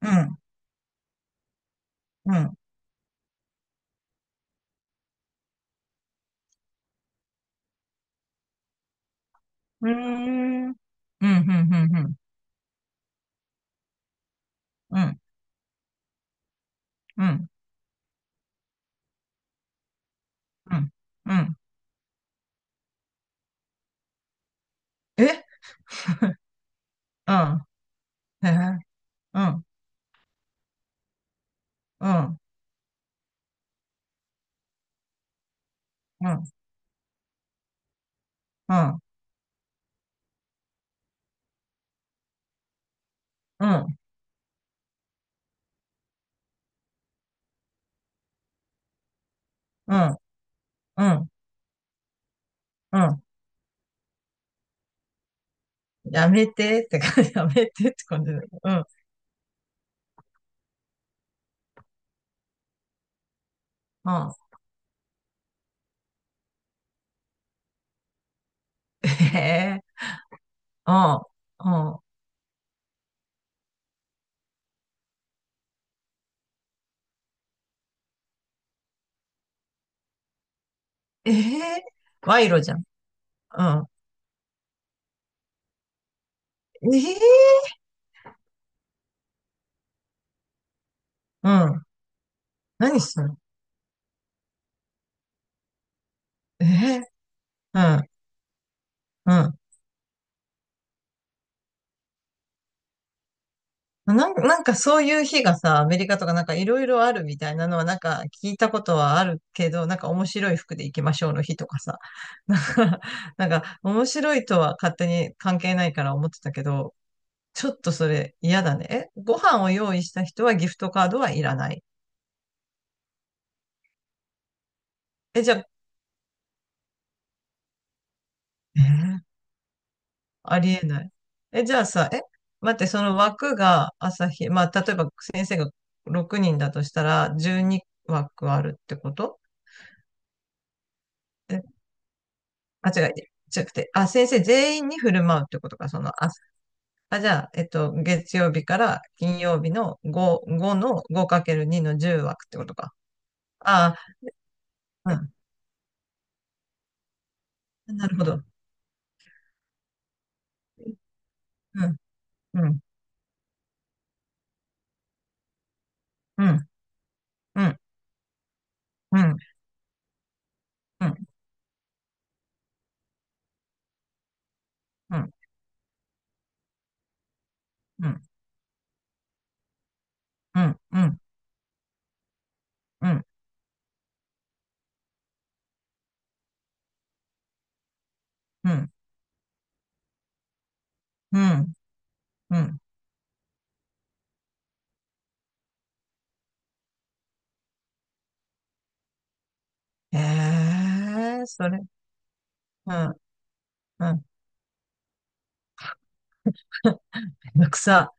うん、うん、うーん。うん、うん、うん、うん、うん、うん、うん、うん、えうん、へえうん、うん、うん、うん、うん、うん、うん、うん、やめてって感じ、やめてって感じだけど、うん、うん、ええうん、うん、えへ、賄賂じゃん、うん、ええうん、何すんの？ええうん、うん、なんかそういう日がさ、アメリカとかなんかいろいろあるみたいなのはなんか聞いたことはあるけど、なんか面白い服で行きましょうの日とかさ、なんか、なんか面白いとは勝手に関係ないから思ってたけど、ちょっとそれ嫌だね。え、ご飯を用意した人はギフトカードはいらない？え、じゃあ、えーありえない。え、じゃあさ、え、待って、その枠が朝日、まあ例えば先生が6人だとしたら12枠あるってこと？あ、違う、違くて、あ、先生全員に振る舞うってことか、その、あ、あ、じゃあ、月曜日から金曜日の5、5の 5×2 の10枠ってことか。ああ、うん、なるほど。うん、うん、うん、うん、うん、うん、うん、うん、うん、うん、うん、うん、うん、うん。へえ、それ、うん、うん。めんどくさ。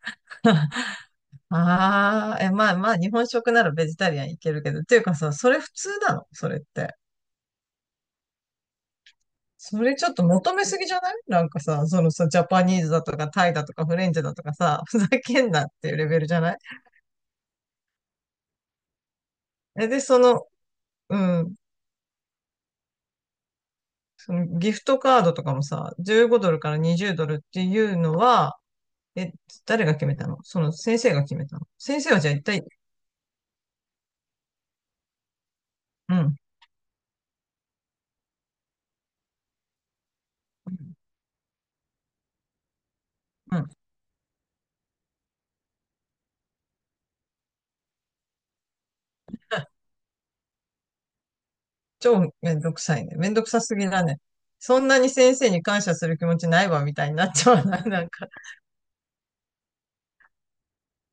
ああ、え、まあまあ、日本食ならベジタリアンいけるけど、っていうかさ、それ普通なのそれって？それちょっと求めすぎじゃないなんかさ、そのさ、ジャパニーズだとかタイだとかフレンチだとかさ、ふざけんなっていうレベルじゃない？えで、その、うん、そのギフトカードとかもさ、15ドルから20ドルっていうのは、え、誰が決めたの？その先生が決めたの？先生はじゃあ一体、うん、うん、超めんどくさいね。めんどくさすぎだね。そんなに先生に感謝する気持ちないわ、みたいになっちゃわない？ なんか、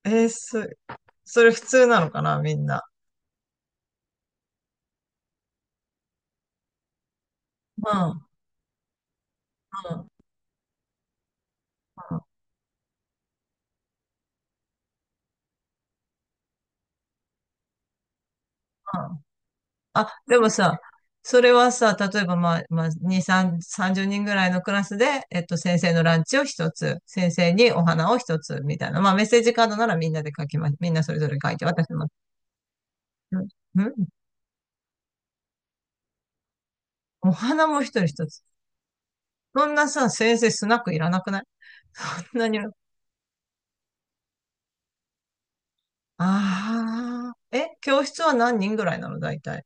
えーそ、それ普通なのかなみんな。うん、うん、うん。うんあ、でもさ、それはさ、例えばまあ、2、3、30人ぐらいのクラスで、先生のランチを一つ、先生にお花を一つ、みたいな。まあ、メッセージカードならみんなで書きます。みんなそれぞれ書いて、私も。うん、んお花も一人一つ。そんなさ、先生スナックいらなくない？そんなに。ああ、え、教室は何人ぐらいなの、大体？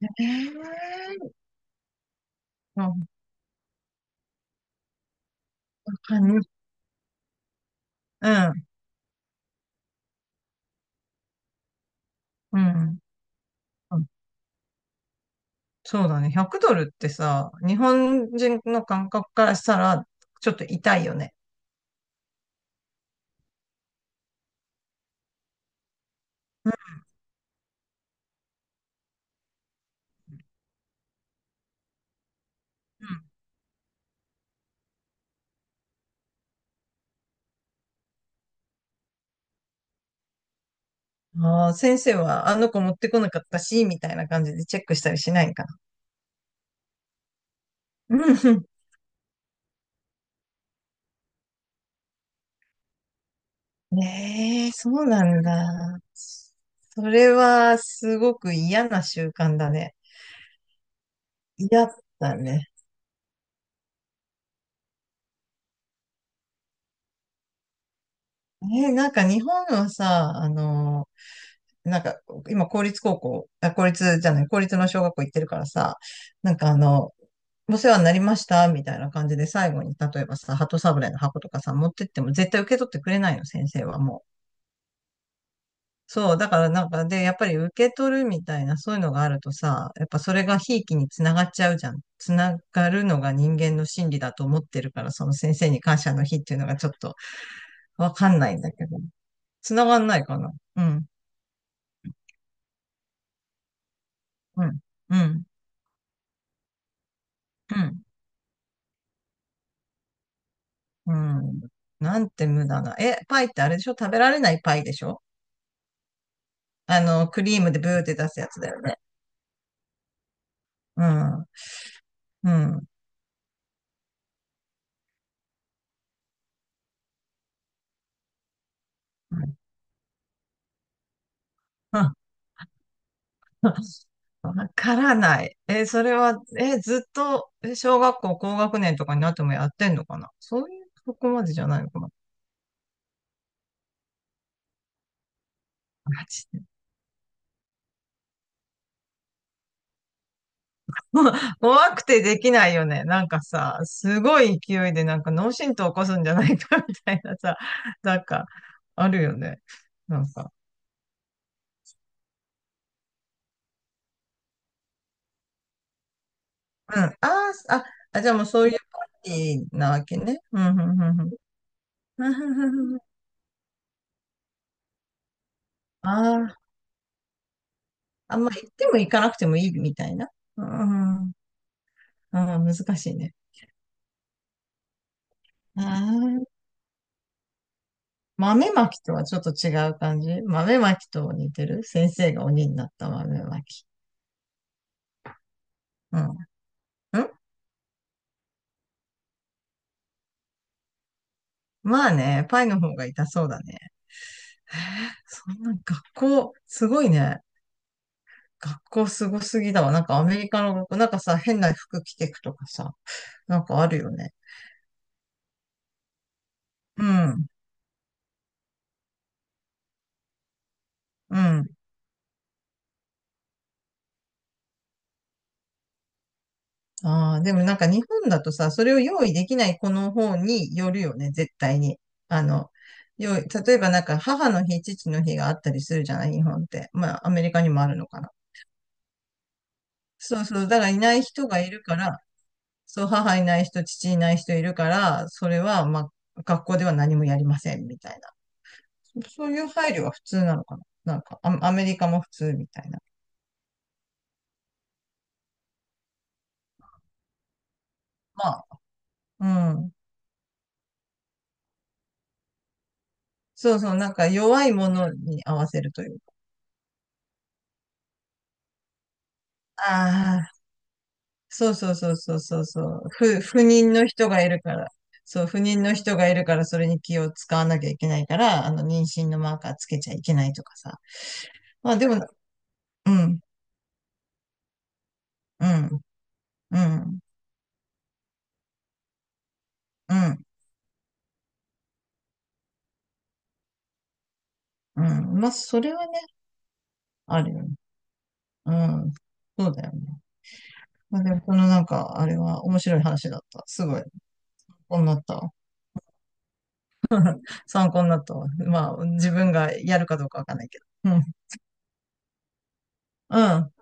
えー、うん、いうん、うん。そうだね。100ドルってさ、日本人の感覚からしたら、ちょっと痛いよね。うんああ、先生はあの子持ってこなかったし、みたいな感じでチェックしたりしないんかな。うんうん。ねえ、そうなんだ。それはすごく嫌な習慣だね。嫌だね。えー、なんか日本はさ、あの、なんか、今、公立高校、あ、公立じゃない、公立の小学校行ってるからさ、なんかあの、お世話になりました、みたいな感じで最後に、例えばさ、鳩サブレーの箱とかさ、持ってっても絶対受け取ってくれないの、先生はもう。そう、だからなんか、で、やっぱり受け取るみたいな、そういうのがあるとさ、やっぱそれがひいきにつながっちゃうじゃん。つながるのが人間の心理だと思ってるから、その先生に感謝の日っていうのがちょっとわかんないんだけど。つながんないかな。うん、うん、うん、うん。うん。なんて無駄な。え、パイってあれでしょ？食べられないパイでしょ？あの、クリームでブーって出すやつだよね。うん。うん。うん わからない。え、それは、え、ずっと、え小学校高学年とかになってもやってんのかな？そういう、そこまでじゃないのかな？マジで。怖くてできないよね。なんかさ、すごい勢いでなんか脳震盪起こすんじゃないか みたいなさ、なんか、あるよね。なんか。うん。ああ、あ、じゃあもうそういうパーティーなわけね。うん、うん、うん、うん。うんうんうんあーあ、あんまあ行っても行かなくてもいいみたいな。うん、うん、うん難しいね。ああ、豆まきとはちょっと違う感じ？豆まきと似てる？先生が鬼になった豆まき。うん。んまあね、パイの方が痛そうだね。へえそんな学校、すごいね。学校すごすぎだわ。なんかアメリカの学校、なんかさ、変な服着てくとかさ、なんかあるよね。うん。うん。ああ、でもなんか日本だとさ、それを用意できない子の方によるよね、絶対に。あの、用意、例えばなんか母の日、父の日があったりするじゃない、日本って。まあ、アメリカにもあるのかな。そうそう、だからいない人がいるから、そう、母いない人、父いない人いるから、それは、まあ、学校では何もやりません、みたいな。そういう配慮が普通なのかな。なんか、アメリカも普通みたいな。まあ、うん。そうそう、なんか弱いものに合わせるというか。ああ、そうそうそうそうそうそう。不妊の人がいるから。そう、不妊の人がいるから、それに気を使わなきゃいけないから、あの、妊娠のマーカーつけちゃいけないとかさ。まあ、でも、うん、うん、うん、うん、うん。まあ、それはね、あるよね。うん。そうだよね。まあ、でも、このなんか、あれは面白い話だった。すごい、こうなったわ。参考になったわ。まあ、自分がやるかどうかわかんないけど。うん、うん。